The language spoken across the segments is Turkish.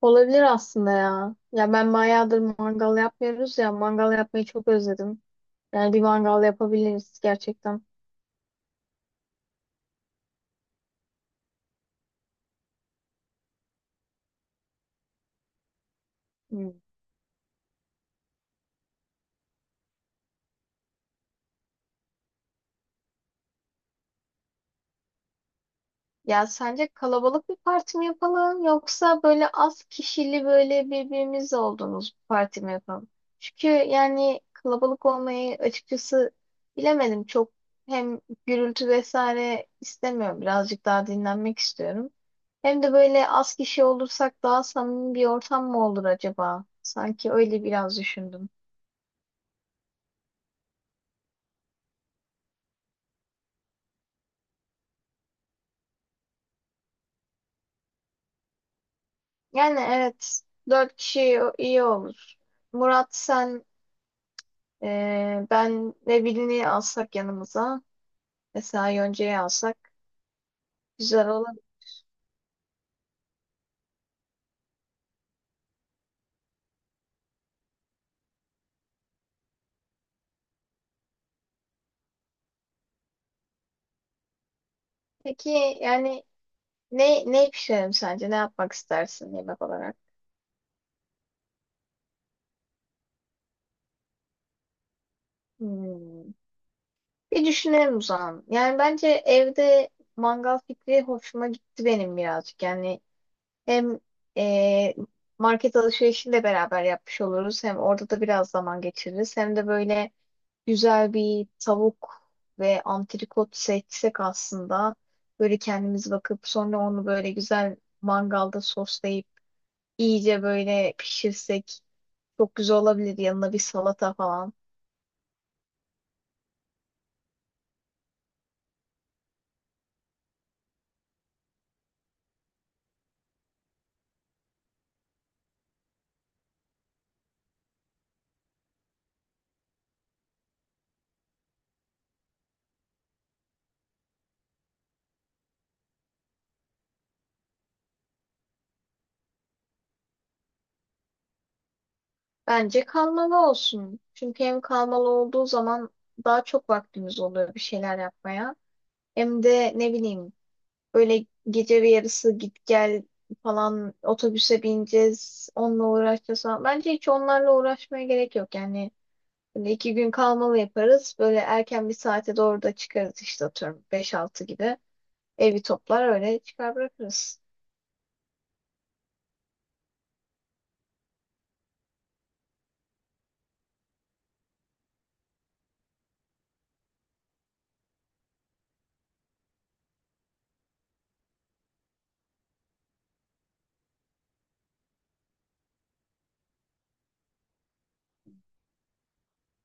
Olabilir aslında ya. Ya ben bayağıdır mangal yapmıyoruz ya. Mangal yapmayı çok özledim. Yani bir mangal yapabiliriz gerçekten. Ya sence kalabalık bir parti mi yapalım yoksa böyle az kişili böyle birbirimizle olduğumuz bir parti mi yapalım? Çünkü yani kalabalık olmayı açıkçası bilemedim çok, hem gürültü vesaire istemiyorum, birazcık daha dinlenmek istiyorum. Hem de böyle az kişi olursak daha samimi bir ortam mı olur acaba? Sanki öyle biraz düşündüm. Yani evet, dört kişi iyi olur. Murat, sen, ben ve birini alsak yanımıza. Mesela Yoncayı alsak güzel olur. Peki yani ne pişirelim sence? Ne yapmak istersin yemek olarak? Hmm. Bir düşünelim o zaman. Yani bence evde mangal fikri hoşuma gitti benim birazcık. Yani hem e, market alışverişini de beraber yapmış oluruz. Hem orada da biraz zaman geçiririz. Hem de böyle güzel bir tavuk ve antrikot seçsek aslında, böyle kendimiz bakıp sonra onu böyle güzel mangalda soslayıp İyice böyle pişirsek çok güzel olabilir, yanına bir salata falan. Bence kalmalı olsun. Çünkü hem kalmalı olduğu zaman daha çok vaktimiz oluyor bir şeyler yapmaya. Hem de ne bileyim, böyle gece bir yarısı git gel falan, otobüse bineceğiz, onunla uğraşacağız falan. Bence hiç onlarla uğraşmaya gerek yok. Yani böyle iki gün kalmalı yaparız. Böyle erken bir saate doğru da çıkarız işte, atıyorum beş altı gibi. Evi toplar öyle çıkar bırakırız.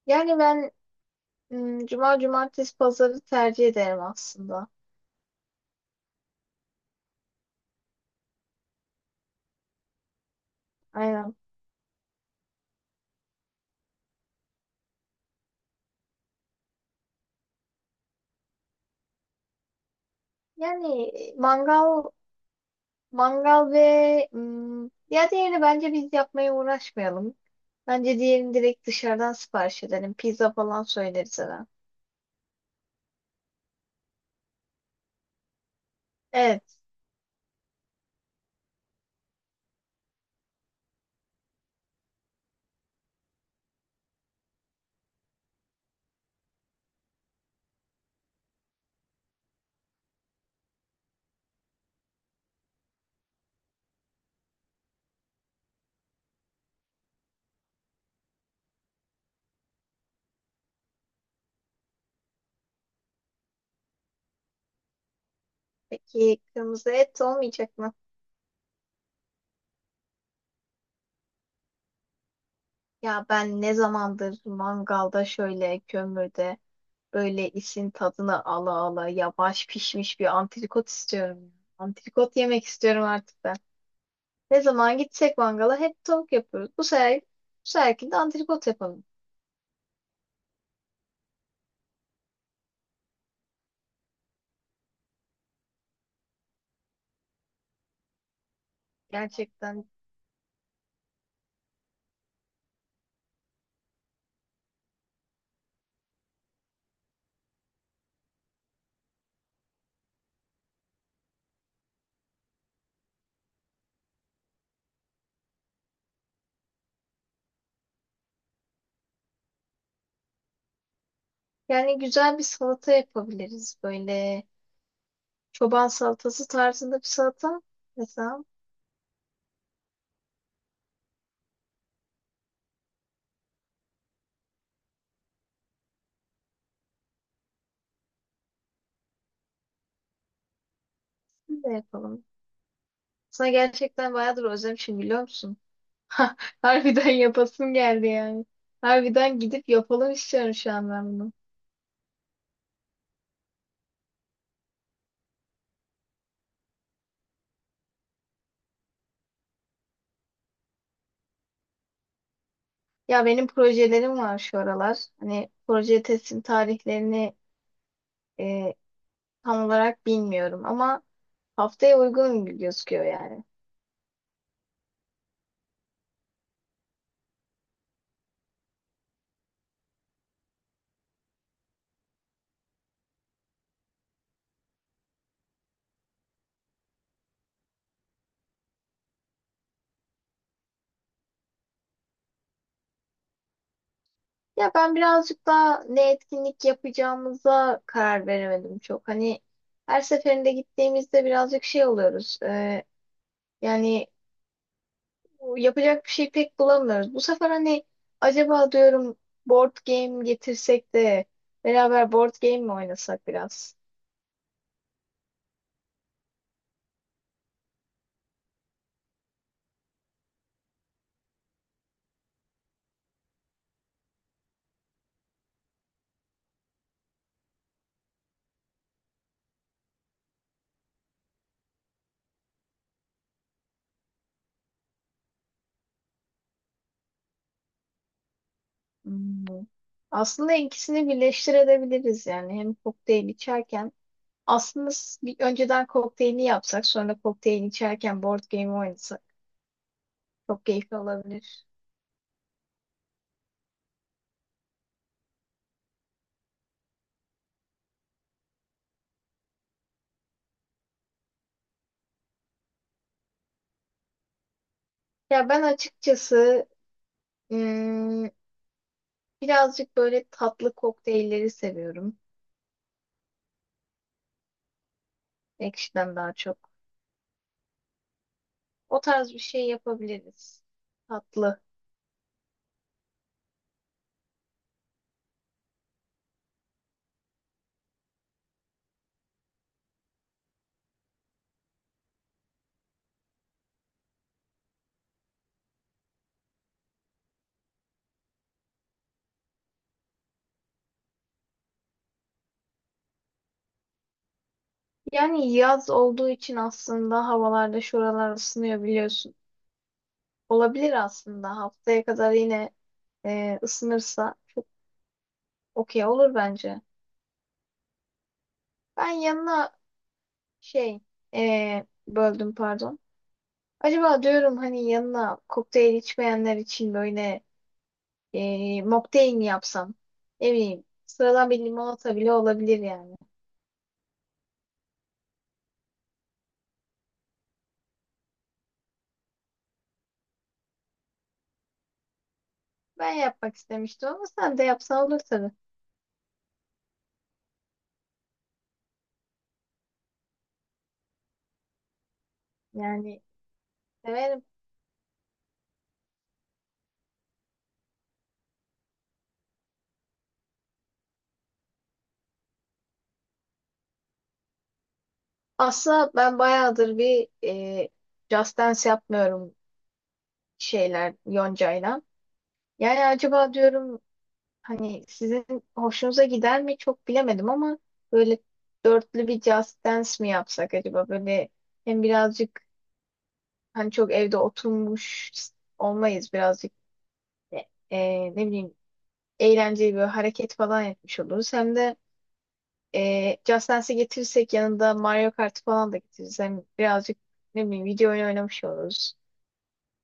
Yani ben, hmm, cuma, cumartesi, pazarı tercih ederim aslında. Aynen. Yani mangal, mangal ve hmm, ya diğerini bence biz yapmaya uğraşmayalım. Bence diğerini direkt dışarıdan sipariş edelim. Pizza falan söyleriz hemen. Evet. Peki kırmızı et olmayacak mı? Ya ben ne zamandır mangalda şöyle kömürde böyle isin tadını ala ala yavaş pişmiş bir antrikot istiyorum. Antrikot yemek istiyorum artık ben. Ne zaman gitsek mangala hep tavuk yapıyoruz. Bu seferki de antrikot yapalım. Gerçekten. Yani güzel bir salata yapabiliriz. Böyle çoban salatası tarzında bir salata mesela. Biz de yapalım. Sana gerçekten bayağıdır özlemişim, biliyor musun? Harbiden yapasım geldi yani. Harbiden gidip yapalım istiyorum şu an ben bunu. Ya benim projelerim var şu aralar. Hani proje teslim tarihlerini e, tam olarak bilmiyorum ama haftaya uygun gözüküyor yani. Ya ben birazcık daha ne etkinlik yapacağımıza karar veremedim çok. Hani her seferinde gittiğimizde birazcık şey oluyoruz. Yani yapacak bir şey pek bulamıyoruz. Bu sefer hani acaba diyorum, board game getirsek de beraber board game mi oynasak biraz? Hmm. Aslında ikisini birleştirebiliriz yani. Hem kokteyl içerken, aslında bir önceden kokteylini yapsak, sonra kokteyl içerken board game oynasak. Çok keyifli olabilir. Ya ben açıkçası, ım, birazcık böyle tatlı kokteylleri seviyorum. Ekşiden daha çok. O tarz bir şey yapabiliriz. Tatlı. Yani yaz olduğu için aslında havalarda şuralar ısınıyor biliyorsun. Olabilir aslında. Haftaya kadar yine ısınırsa okey olur bence. Ben yanına şey, böldüm pardon. Acaba diyorum hani yanına kokteyl içmeyenler için böyle, mocktail mi yapsam? Ne bileyim. Sıradan bir limonata bile olabilir yani. Ben yapmak istemiştim ama sen de yapsan olur tabii. Yani severim. Aslında ben bayağıdır bir Just Dance yapmıyorum şeyler Yonca'yla. Yani acaba diyorum, hani sizin hoşunuza gider mi çok bilemedim ama böyle dörtlü bir Just Dance mi yapsak acaba? Böyle hem birazcık hani çok evde oturmuş olmayız, birazcık e, e, ne bileyim eğlenceli bir hareket falan yapmış oluruz. Hem de Just Dance'i getirirsek yanında Mario Kart falan da getiririz. Hem birazcık ne bileyim video oyunu oynamış oluruz.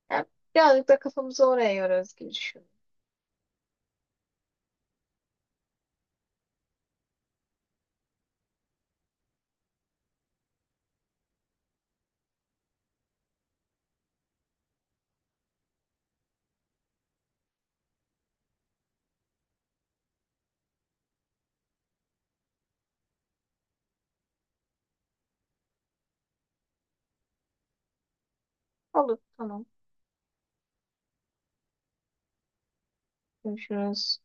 Hem birazcık da kafamızı oraya yorarız gibi düşünüyorum. Olur, tamam. Görüşürüz.